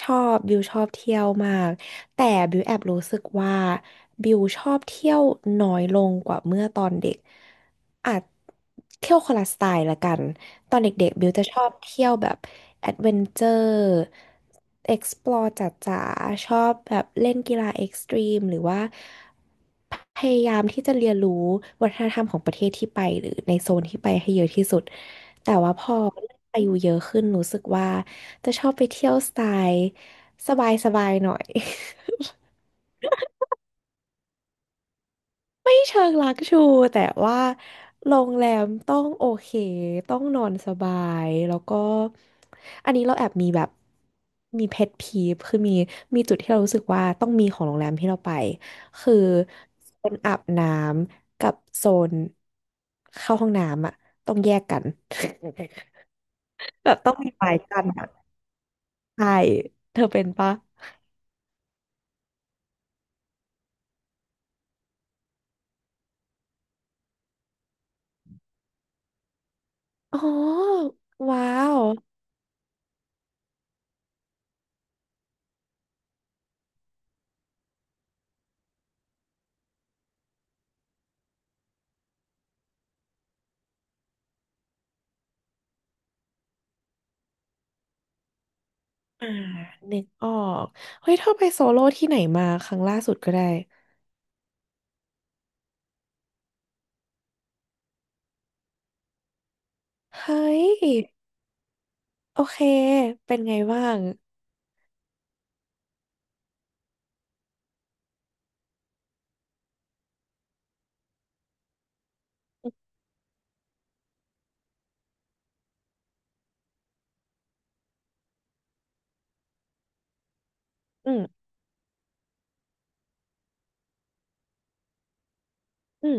ชอบบิวชอบเที่ยวมากแต่บิวแอบรู้สึกว่าบิวชอบเที่ยวน้อยลงกว่าเมื่อตอนเด็ก อาจเที่ยวคนละสไตล์ละกันตอนเด็กๆบิวจะชอบเที่ยวแบบแอดเวนเจอร์ explore จ๋าๆชอบแบบเล่นกีฬาเอ็กซ์ตรีมหรือว่าพยายามที่จะเรียนรู้วัฒนธรรมของประเทศที่ไปหรือในโซนที่ไปให้เยอะที่สุดแต่ว่าพออายุเยอะขึ้นรู้สึกว่าจะชอบไปเที่ยวสไตล์สบายๆหน่อย ไม่เชิงลักชูแต่ว่าโรงแรมต้องโอเคต้องนอนสบายแล้วก็อันนี้เราแอบมีแบบมีเพทพีฟคือมีจุดที่เรารู้สึกว่าต้องมีของโรงแรมที่เราไปคือโซนอาบน้ำกับโซนเข้าห้องน้ำอะต้องแยกกัน แบบต้องมีไม้กั้นอะใช่เธอเป็นปะอ๋อว้าว อ่านึกออกเฮ้ยเธอไปโซโล่ที่ไหนมาครั้งล่าสุดก็ได้ เฮ้ยโอเคเป็นไงบ้างอืมอืม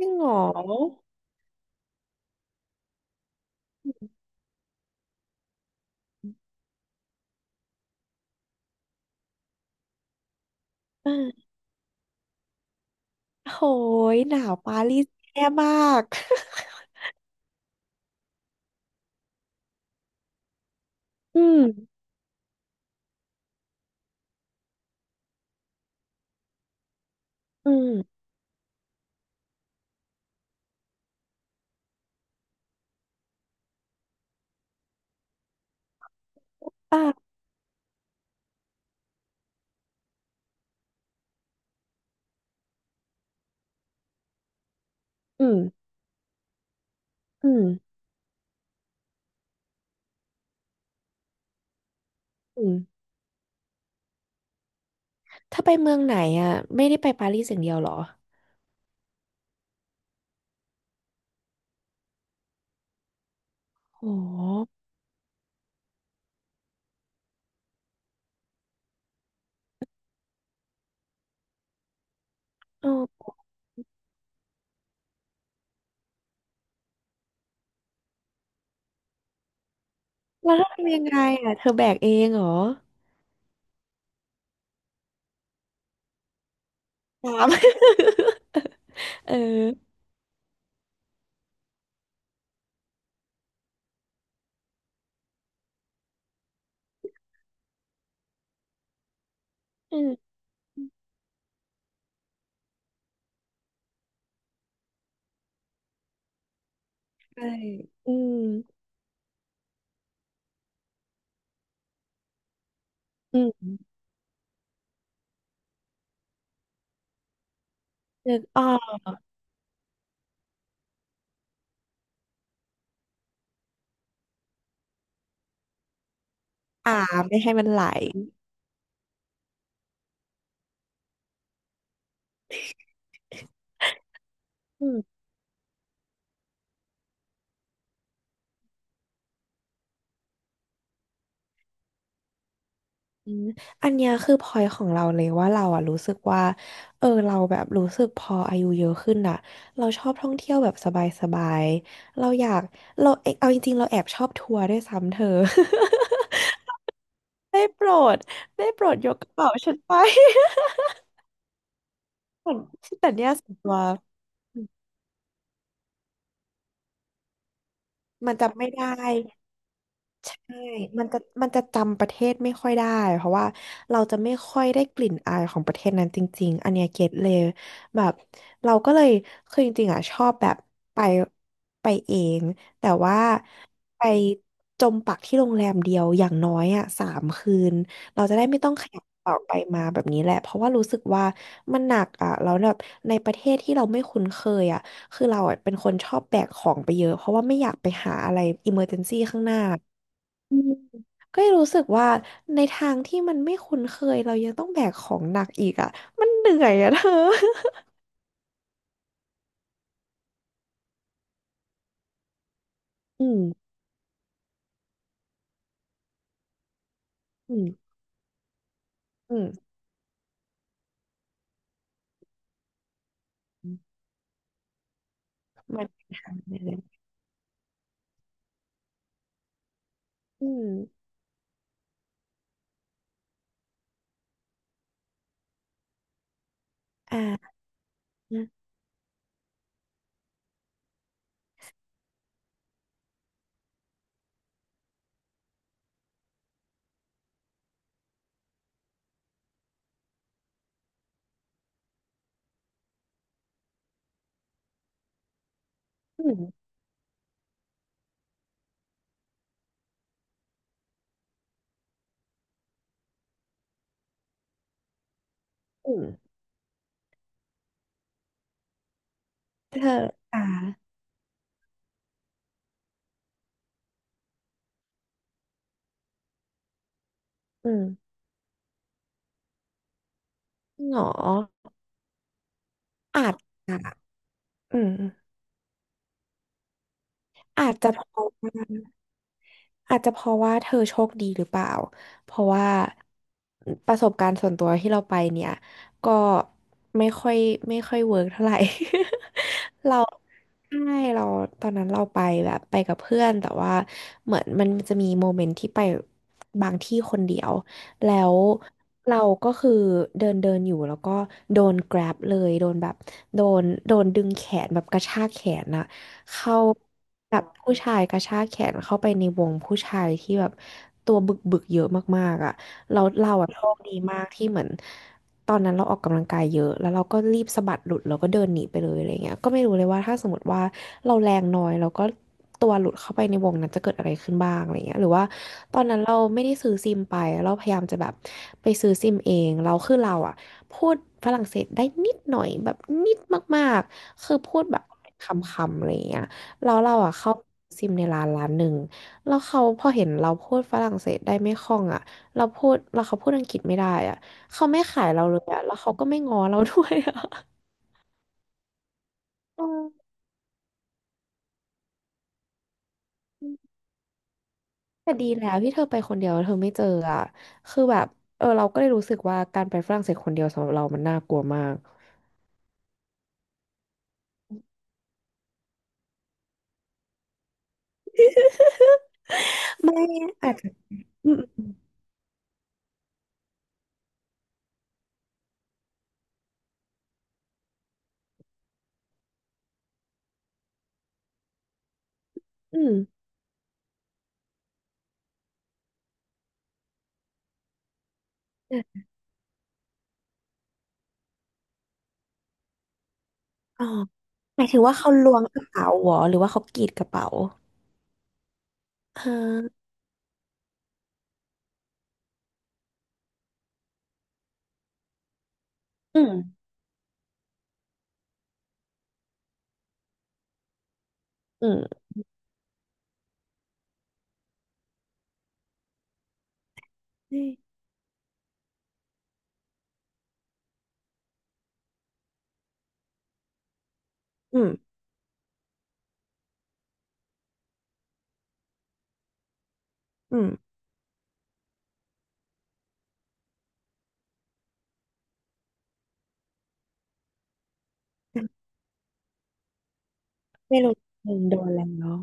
ยังเหงออ่าโหยหนาวปารีสแย่มาก อืมอืมอ่ะอืมอืมอืมถ้าไปเมืองไหนอ่ะไม่ได้ไปปารีสอย่างเดียวเหรอโหเออแล้วเธอทำยังไงอ่ะเธอแบกเองเหรอตาม เอออืมใช่อืมอืม นึกออกอ่าไม่ให้มันไหลอืมอืมอันเนี้ยคือพอยของเราเลยว่าเราอะรู้สึกว่าเออเราแบบรู้สึกพออายุเยอะขึ้นอะเราชอบท่องเที่ยวแบบสบายๆเราอยากเราเอ๊ะเอาจริงๆเราแอบชอบทัวร์ด้วยซ้ำเธอ ได้โปรดได้โปรดยกกระเป๋าฉันไป แต่เนี่ยส่วนตัวมันจำไม่ได้ ใช่มันจะจำประเทศไม่ค่อยได้ เพราะว่าเราจะไม่ค่อยได้กลิ่นอายของประเทศนั้นจริงๆอันเนี้ยเก็ตเลยแบบเราก็เลยคือจริงๆอ่ะชอบแบบไปไปเอง แต่ว่าไปจมปักที่โรงแรมเดียวอย่างน้อยอ่ะสามคืน เราจะได้ไม่ต้องขยับออกไปมาแบบนี้แหละเพราะว่ารู้สึกว่ามันหนักอ่ะแล้วแบบในประเทศที่เราไม่คุ้นเคยอ่ะคือเราอะเป็นคนชอบแบกของไปเยอะเพราะว่าไม่อยากไปหาอะไรอิมเมอร์เจนซี่ข้างหน้า อืมก็รู้สึกว่าในทางที่มันไม่คุ้นเคยเรายังต้องแบกของหนักอีกอ่ะมันเหนื่อยอ่ะเธออืมอืมอืมอืมมันเป็นอยางนั้นอืมอ่าอืมอืมเธออ่าอืมหงออาจอ่ะอืมอาจจะพอได้ อาจจะเพราะว่าเธอโชคดีหรือเปล่า เพราะว่าประสบการณ์ส่วนตัวที่เราไปเนี่ยก็ไม่ค่อยไม่ค่อยเวิร์กเท่าไหร่ เราใช่เราตอนนั้นเราไปแบบไปกับเพื่อนแต่ว่าเหมือนมันจะมีโมเมนต์ที่ไปบางที่คนเดียวแล้วเราก็คือเดินเดินอยู่แล้วก็โดน grab เลยโดนแบบโดนดึงแขนแบบกระชากแขนอะ เขาแบบผู้ชายกระชากแขนเข้าไปในวงผู้ชายที่แบบตัวบึกบึกเยอะมากๆอ่ะเราอ่ะโชคดีมากที่เหมือนตอนนั้นเราออกกำลังกายเยอะแล้วเราก็รีบสะบัดหลุดแล้วก็เดินหนีไปเลยอะไรเงี้ยก็ไม่รู้เลยว่าถ้าสมมติว่าเราแรงน้อยแล้วก็ตัวหลุดเข้าไปในวงนั้นจะเกิดอะไรขึ้นบ้างอะไรเงี้ยหรือว่าตอนนั้นเราไม่ได้ซื้อซิมไปเราพยายามจะแบบไปซื้อซิมเองเราอ่ะ พูดฝรั่งเศสได้นิดหน่อยแบบนิดมากๆ คือพูดแบบคำๆอะไรอย่างเงี้ยแล้วเราอ่ะเข้าซิมในร้านหนึ่งแล้วเขาพอเห็นเราพูดฝรั่งเศสได้ไม่คล่องอ่ะเราพูดแล้วเขาพูดอังกฤษไม่ได้อ่ะเขาไม่ขายเราเลยอ่ะแล้วเขาก็ไม่ง้อเราด้วยอ่ะอืมแต่ดีแล้วที่เธอไปคนเดียวเธอไม่เจออ่ะคือแบบเออเราก็เลยรู้สึกว่าการไปฝรั่งเศสคนเดียวสำหรับเรามันน่ากลัวมากไม่อาจจะอืมอืม อ๋อหมายถึงว่าเขาล้วงกระเป๋าเหรอหรือว่าเขากรีดกระเป๋าเอออืมอืมอืมอืมไม่รู้โดนแล้วเนาะ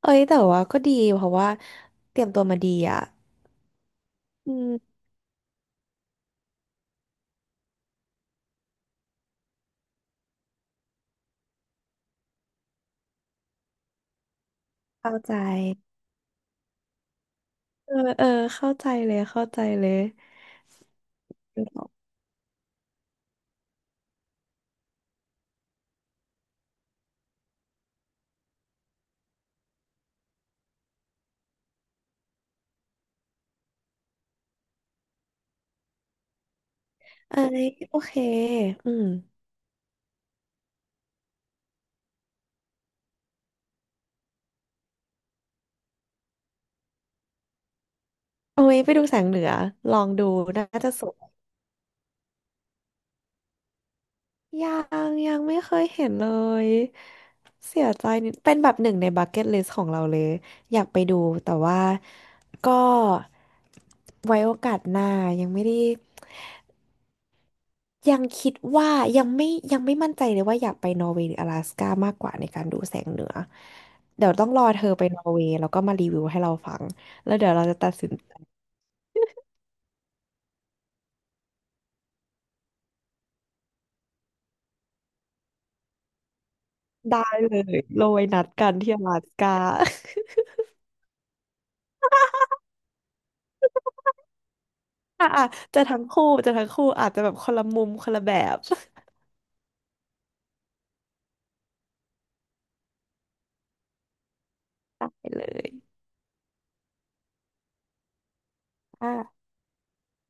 เอ้ยแต่ว่าก็ดีเพราะว่าเตรียมตัวมาดีอ่ะอืมเข้าใจเออเออเข้าใจเลยเข้าใจเลยเอ้ยโอเคอืมโอ้ยไปดูแสงเหนือลองดูน่าจะสวย ยังยังไม่เคยเห็นเลยเสียใจนิดเป็นแบบหนึ่งในบักเก็ตลิสต์ของเราเลยอยากไปดูแต่ว่าก็ไว้โอกาสหน้ายังไม่ได้ยังคิดว่ายังไม่ยังไม่มั่นใจเลยว่าอยากไปนอร์เวย์หรือ阿拉สก้ามากกว่าในการดูแสงเหนือเดี๋ยวต้องรอเธอไปนอร์เวย์แล้วก็มารีวิวให้เราฟังแล้วเดี๋ยวเราจะตัดสินใจได้เลยเราไว้นัดกันที่阿拉斯ก้า อ่ะอ่ะจะทั้งคู่อาจจะแบบคนละมุมคนละแบบ ได้เลยค่ะ